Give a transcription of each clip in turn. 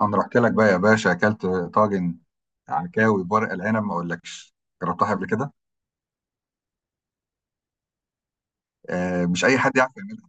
انا رحت لك بقى يا باشا، اكلت طاجن عكاوي بورق العنب ما اقولكش. جربتها قبل كده. آه، مش اي حد يعرف يعملها.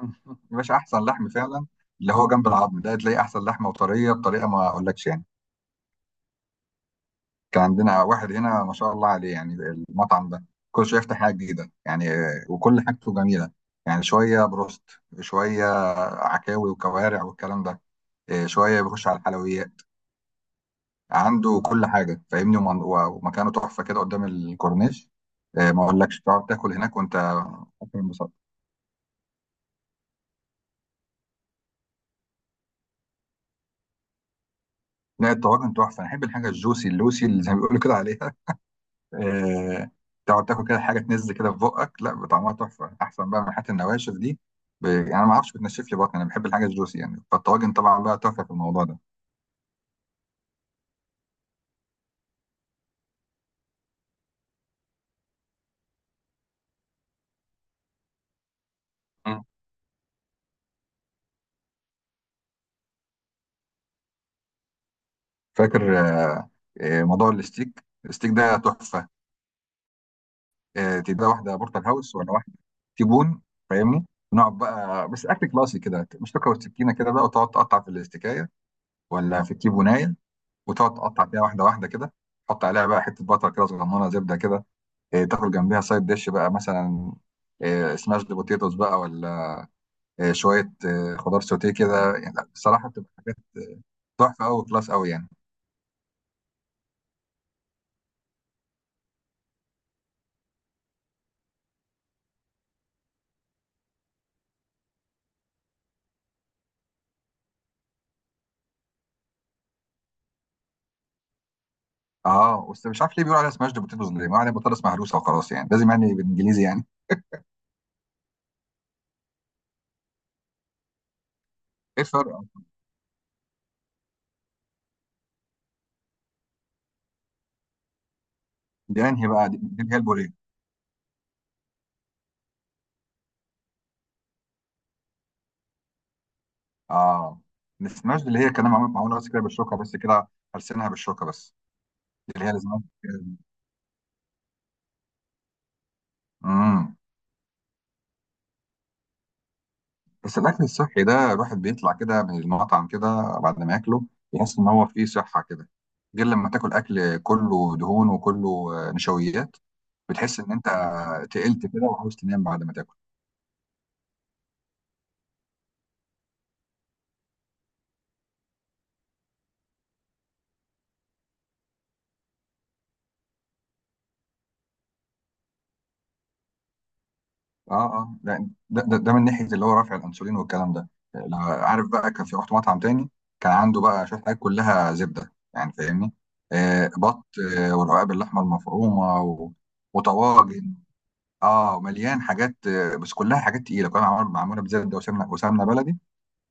يا باشا، احسن لحم فعلا. اللي هو جنب العظم ده تلاقي احسن لحمه وطريه بطريقه ما اقولكش، يعني. كان عندنا واحد هنا ما شاء الله عليه، يعني المطعم ده كل شويه يفتح حاجه جديده، يعني وكل حاجته جميله. يعني شويه بروست، شويه عكاوي وكوارع والكلام ده. شويه بيخش على الحلويات. عنده كل حاجه، فاهمني، ومكانه تحفه كده قدام الكورنيش. ما اقولكش، تقعد تاكل هناك وانت اكل انبساط. لا، الطواجن تحفه. انا احب الحاجه الجوسي اللوسي اللي زي ما بيقولوا كده عليها. آه، تقعد تاكل كده حاجه تنز كده في بقك، لا طعمها تحفه احسن بقى من حته النواشف دي. يعني انا ما اعرفش، بتنشف لي بطني، انا بحب الحاجه الجوسي، يعني فالطواجن طبعا بقى تحفه في الموضوع ده. مم. فاكر. موضوع الستيك ده تحفه. تبقى واحده بورتال هاوس ولا واحده تيبون، فاهمني. نقعد بقى بس اكل كلاسي كده، مش تاكل السكينه كده بقى، وتقعد تقطع في الاستكايه ولا في التيبونايه، وتقعد تقطع فيها واحده واحده كده. تحط عليها بقى حته بطر كده صغننه، زبده كده. تاكل جنبيها سايد ديش بقى، مثلا سماش دي بوتيتوس بقى، ولا شويه خضار سوتيه كده، يعني لا، بصراحه بتبقى حاجات تحفه قوي، كلاس قوي يعني. اه، بس مش عارف ليه بيقولوا عليها سماش دي بوتيتوس؟ ليه ما عليها بطاطس مهروسه وخلاص؟ يعني لازم يعني بالانجليزي يعني. ايه الفرق؟ دي انهي بقى؟ دي اللي هي البوريه؟ اه، السماش دي اللي هي كلام، معمول معمول بس كده بالشوكه بس كده. هرسنها بالشوكه بس، دي اللي هي لازم. امم بس الاكل الصحي ده الواحد بيطلع كده من المطعم كده بعد ما ياكله، يحس ان هو فيه صحه كده، غير لما تاكل اكل كله دهون وكله نشويات. بتحس ان انت تقلت كده وعاوز تنام بعد ما تاكل. اه، اه، لا، ده من ناحيه اللي هو رفع الانسولين والكلام ده. لو عارف بقى كان في، رحت مطعم تاني. كان عنده بقى شويه حاجات كلها زبده، يعني فاهمني. بط، ورقاق باللحمه المفرومه وطواجن. اه، مليان حاجات. بس كلها حاجات تقيله، كلها معموله معموله بزبده وسمنه وسمنه بلدي.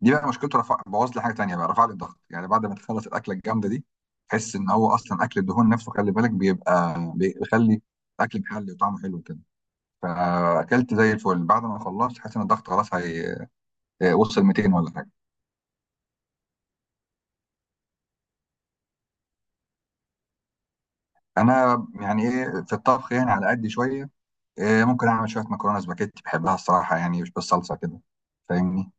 دي بقى مشكلته، رفع بوظ لي حاجه تانيه بقى، رفع لي الضغط يعني بعد ما تخلص الاكله الجامده دي. تحس ان هو اصلا اكل الدهون نفسه، خلي بالك، بيبقى بيخلي الاكل محلي وطعمه حلو كده. فاكلت زي الفل. بعد ما خلصت حاسس ان الضغط خلاص هي وصل 200 ولا حاجه. انا يعني ايه في الطبخ، يعني على قد شويه. إيه، ممكن اعمل شويه مكرونه سباكيتي، بحبها الصراحه يعني، مش بالصلصه كده، فاهمني.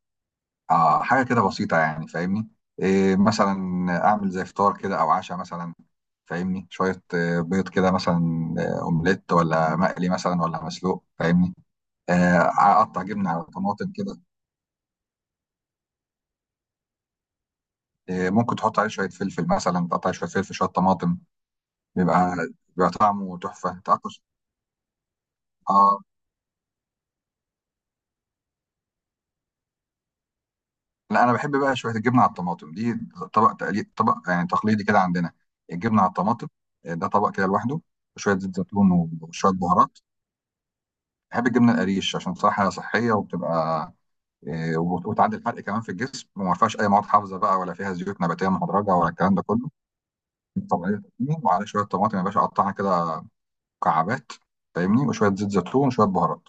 اه، حاجه كده بسيطه يعني، فاهمني. إيه مثلا، اعمل زي فطار كده او عشاء مثلا. فاهمني، شويه بيض كده مثلا، اومليت ولا مقلي مثلا ولا مسلوق، فاهمني آه، اقطع جبنه على طماطم كده. ممكن تحط عليه شويه فلفل مثلا، تقطع شويه فلفل شويه طماطم، بيبقى بيبقى طعمه تحفه، تعرف. اه، لا، انا بحب بقى شويه الجبنه على الطماطم دي. طبق، يعني تقليدي كده عندنا، الجبنه على الطماطم. ده طبق كده لوحده، وشويه زيت زيتون وشويه بهارات. بحب الجبنه القريش عشان صراحه صحيه، وبتبقى وتعدي الحرق كمان في الجسم، وما فيهاش اي مواد حافظه بقى ولا فيها زيوت نباتيه مهدرجه ولا الكلام ده كله. طبيعيه. وعلى شويه طماطم يا باشا، اقطعها كده مكعبات، فاهمني، وشويه زيت زيتون وشويه بهارات،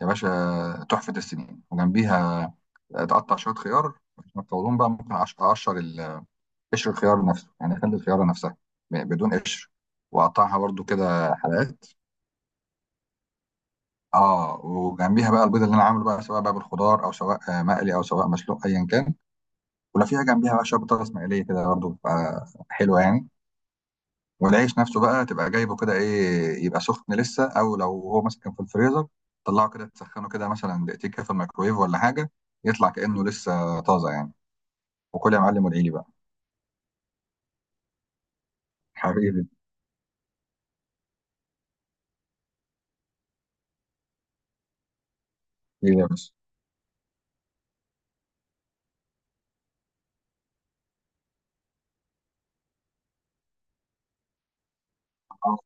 يا باشا تحفه السنين. وجنبيها تقطع شويه خيار عشان تطولهم بقى، ممكن قشر الخيار نفسه، يعني اخلي الخياره نفسها بدون قشر، واقطعها برضو كده حلقات. اه، وجنبيها بقى البيض اللي انا عامله بقى، سواء بقى بالخضار او سواء مقلي او سواء مسلوق، ايا كان. ولو فيها جنبيها بقى شويه بطاطس مقليه كده، برضو بتبقى حلوه يعني. والعيش نفسه بقى تبقى جايبه كده ايه، يبقى سخن لسه، او لو هو مثلا كان في الفريزر، طلعه كده تسخنه كده مثلا دقيقتين كده في الميكرويف ولا حاجه، يطلع كانه لسه طازه يعني. وكل يا معلم، وادعي لي بقى. حبيبي. ليه يا باشا؟ آه.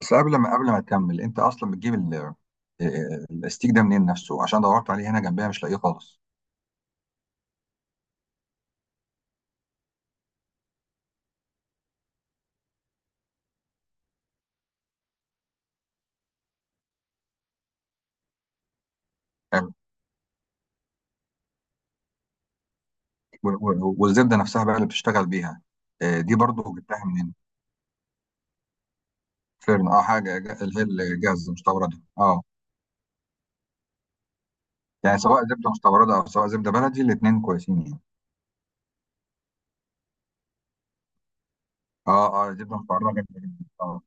بس قبل ما تكمل، انت اصلا بتجيب الاستيك ده منين نفسه؟ عشان دورت عليه هنا جنبيها مش لاقيه خالص. حلو. والزبده نفسها بقى اللي بتشتغل بيها، دي برضو جبتها منين؟ فيرن، اه، حاجه اللي هي الجاهزه، مستورده، اه. يعني سواء زبده مستورده او سواء زبده بلدي، الاثنين كويسين يعني. اه، اه، زبده مستورده، جدا جدا، اه.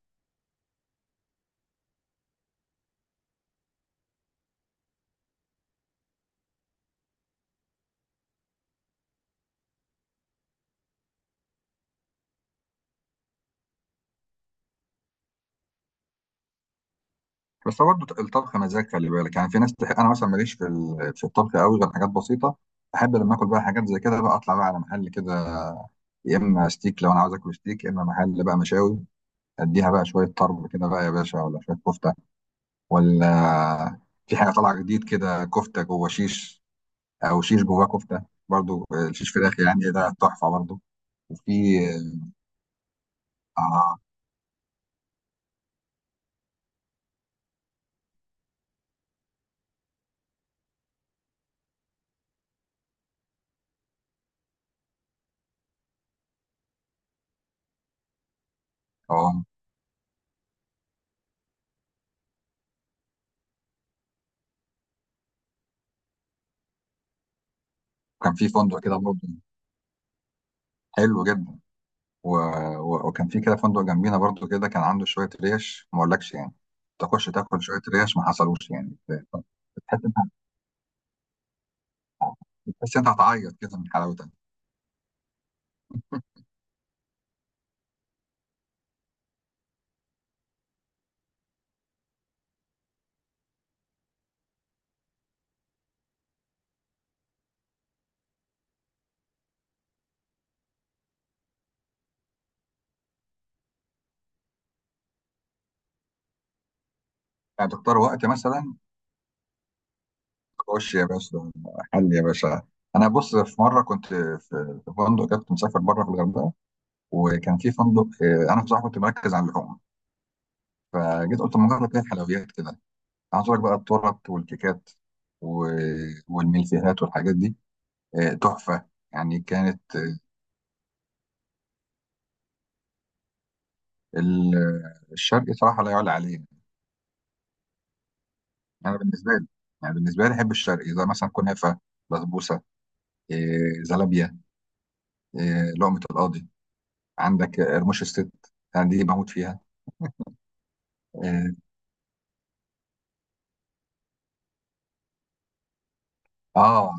بس هو برضه الطبخ مزاج، خلي بالك، يعني في ناس انا مثلا ماليش في في الطبخ قوي غير حاجات بسيطه. احب لما اكل بقى حاجات زي كده، بقى اطلع بقى على محل كده، يا اما ستيك لو انا عاوز اكل ستيك، يا اما محل بقى مشاوي، اديها بقى شويه طرب كده بقى يا باشا، ولا شويه كفته، ولا في حاجه طالعه جديد كده، كفته جوه شيش، او شيش جواه كفته، برضو شيش فراخ يعني، ده تحفه برضو. وفي اه آه، كان في فندق كده برضو، حلو جدا. و... وكان في كده فندق جنبينا برضو كده، كان عنده شويه ريش ما اقولكش يعني، تخش تاكل شويه ريش ما حصلوش، يعني بتحس انت هتعيط كده من حلاوتها. يعني تختار وقت مثلا. خش يا باشا، حل يا باشا. انا بص، في مره كنت في في فندق كده، كنت مسافر بره في الغردقه. وكان في فندق انا بصراحه كنت مركز على اللحوم، فجيت قلت ما اجرب كده الحلويات كده. عايز أقول لك بقى، التورت والكيكات والملفيهات والحاجات دي، تحفه يعني. كانت. ال- الشرقي صراحه لا يعلى عليه. انا بالنسبه لي، يعني بالنسبه لي احب الشرقي زي مثلا كنافه، بسبوسه، زلابيه، لقمه القاضي، عندك قرموش الست، انا دي بموت فيها آه، اه،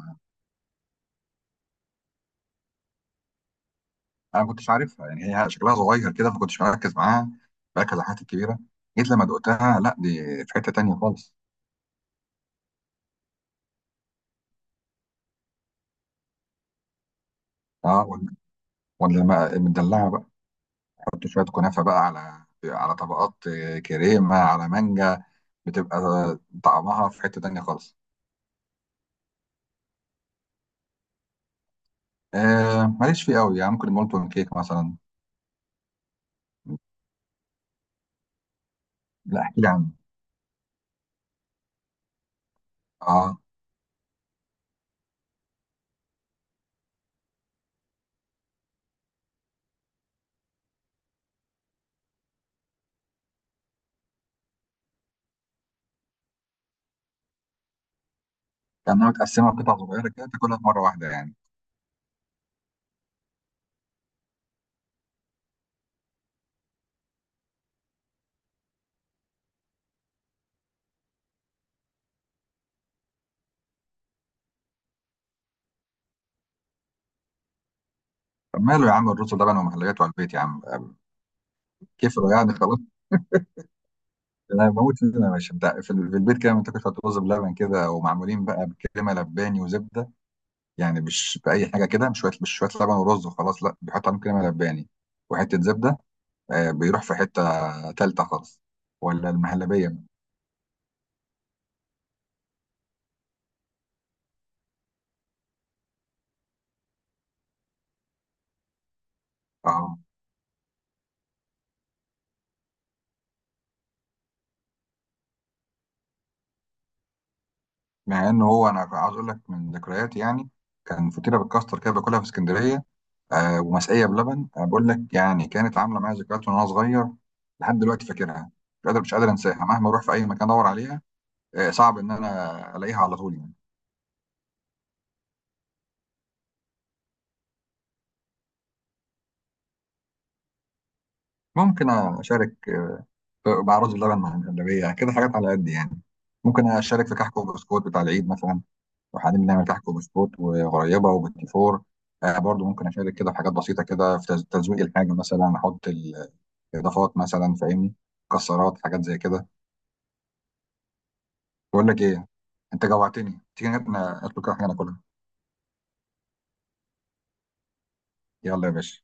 انا ما كنتش عارفها، يعني هي شكلها صغير كده ما كنتش مركز معاها، مركز على الحاجات الكبيره، جيت لما دقتها لا، دي في حته تانية خالص. اه، ولا لما مدلعه بقى، حط شويه كنافه بقى على طبقات كريمه على مانجا، بتبقى طعمها في حته تانية خالص. ماليش فيه قوي يعني، ممكن المولتون كيك مثلا. لا، احكي لي عنه. اه، كانها متقسمه قطع صغيره كده تاكلها في مره واحده يعني. طب، ماله يا عم الرز بلبن ومحليات، وعلى البيت يا عم. كيف يعني؟ خلاص. انا بموت فيهم يا باشا، بتاع في البيت كده منتجة رز بلبن كده ومعمولين بقى بكريمه لباني وزبده. يعني مش باي حاجه كده، مش شويه لبن ورز وخلاص، لا بيحط عليهم كريمه لباني وحته زبده. بيروح في حته تالته خالص، ولا المهلبيه. اه، مع ان هو انا عاوز اقول لك من ذكرياتي يعني، كان فطيره بالكاستر كده باكلها في اسكندريه، ومسقيه بلبن، بقول لك يعني كانت عامله معايا ذكريات وانا صغير، لحد دلوقتي فاكرها. مش قادر، مش قادر انساها، مهما اروح في اي مكان ادور عليها، صعب ان انا الاقيها على طول يعني. ممكن اشارك. مع رز بلبن، مع المهلبيه، كده حاجات على قد يعني. ممكن اشارك في كحك وبسكوت بتاع العيد مثلا. وحاليا بنعمل كحك وبسكوت وغريبه وبتيفور. برضو ممكن اشارك كده في حاجات بسيطه كده، في تزويق الحاجه مثلا، احط الاضافات مثلا، فاهمني، مكسرات، حاجات زي كده. بقول لك ايه، انت جوعتني، تيجي نطلب كده حاجه ناكلها؟ يلا يا باشا.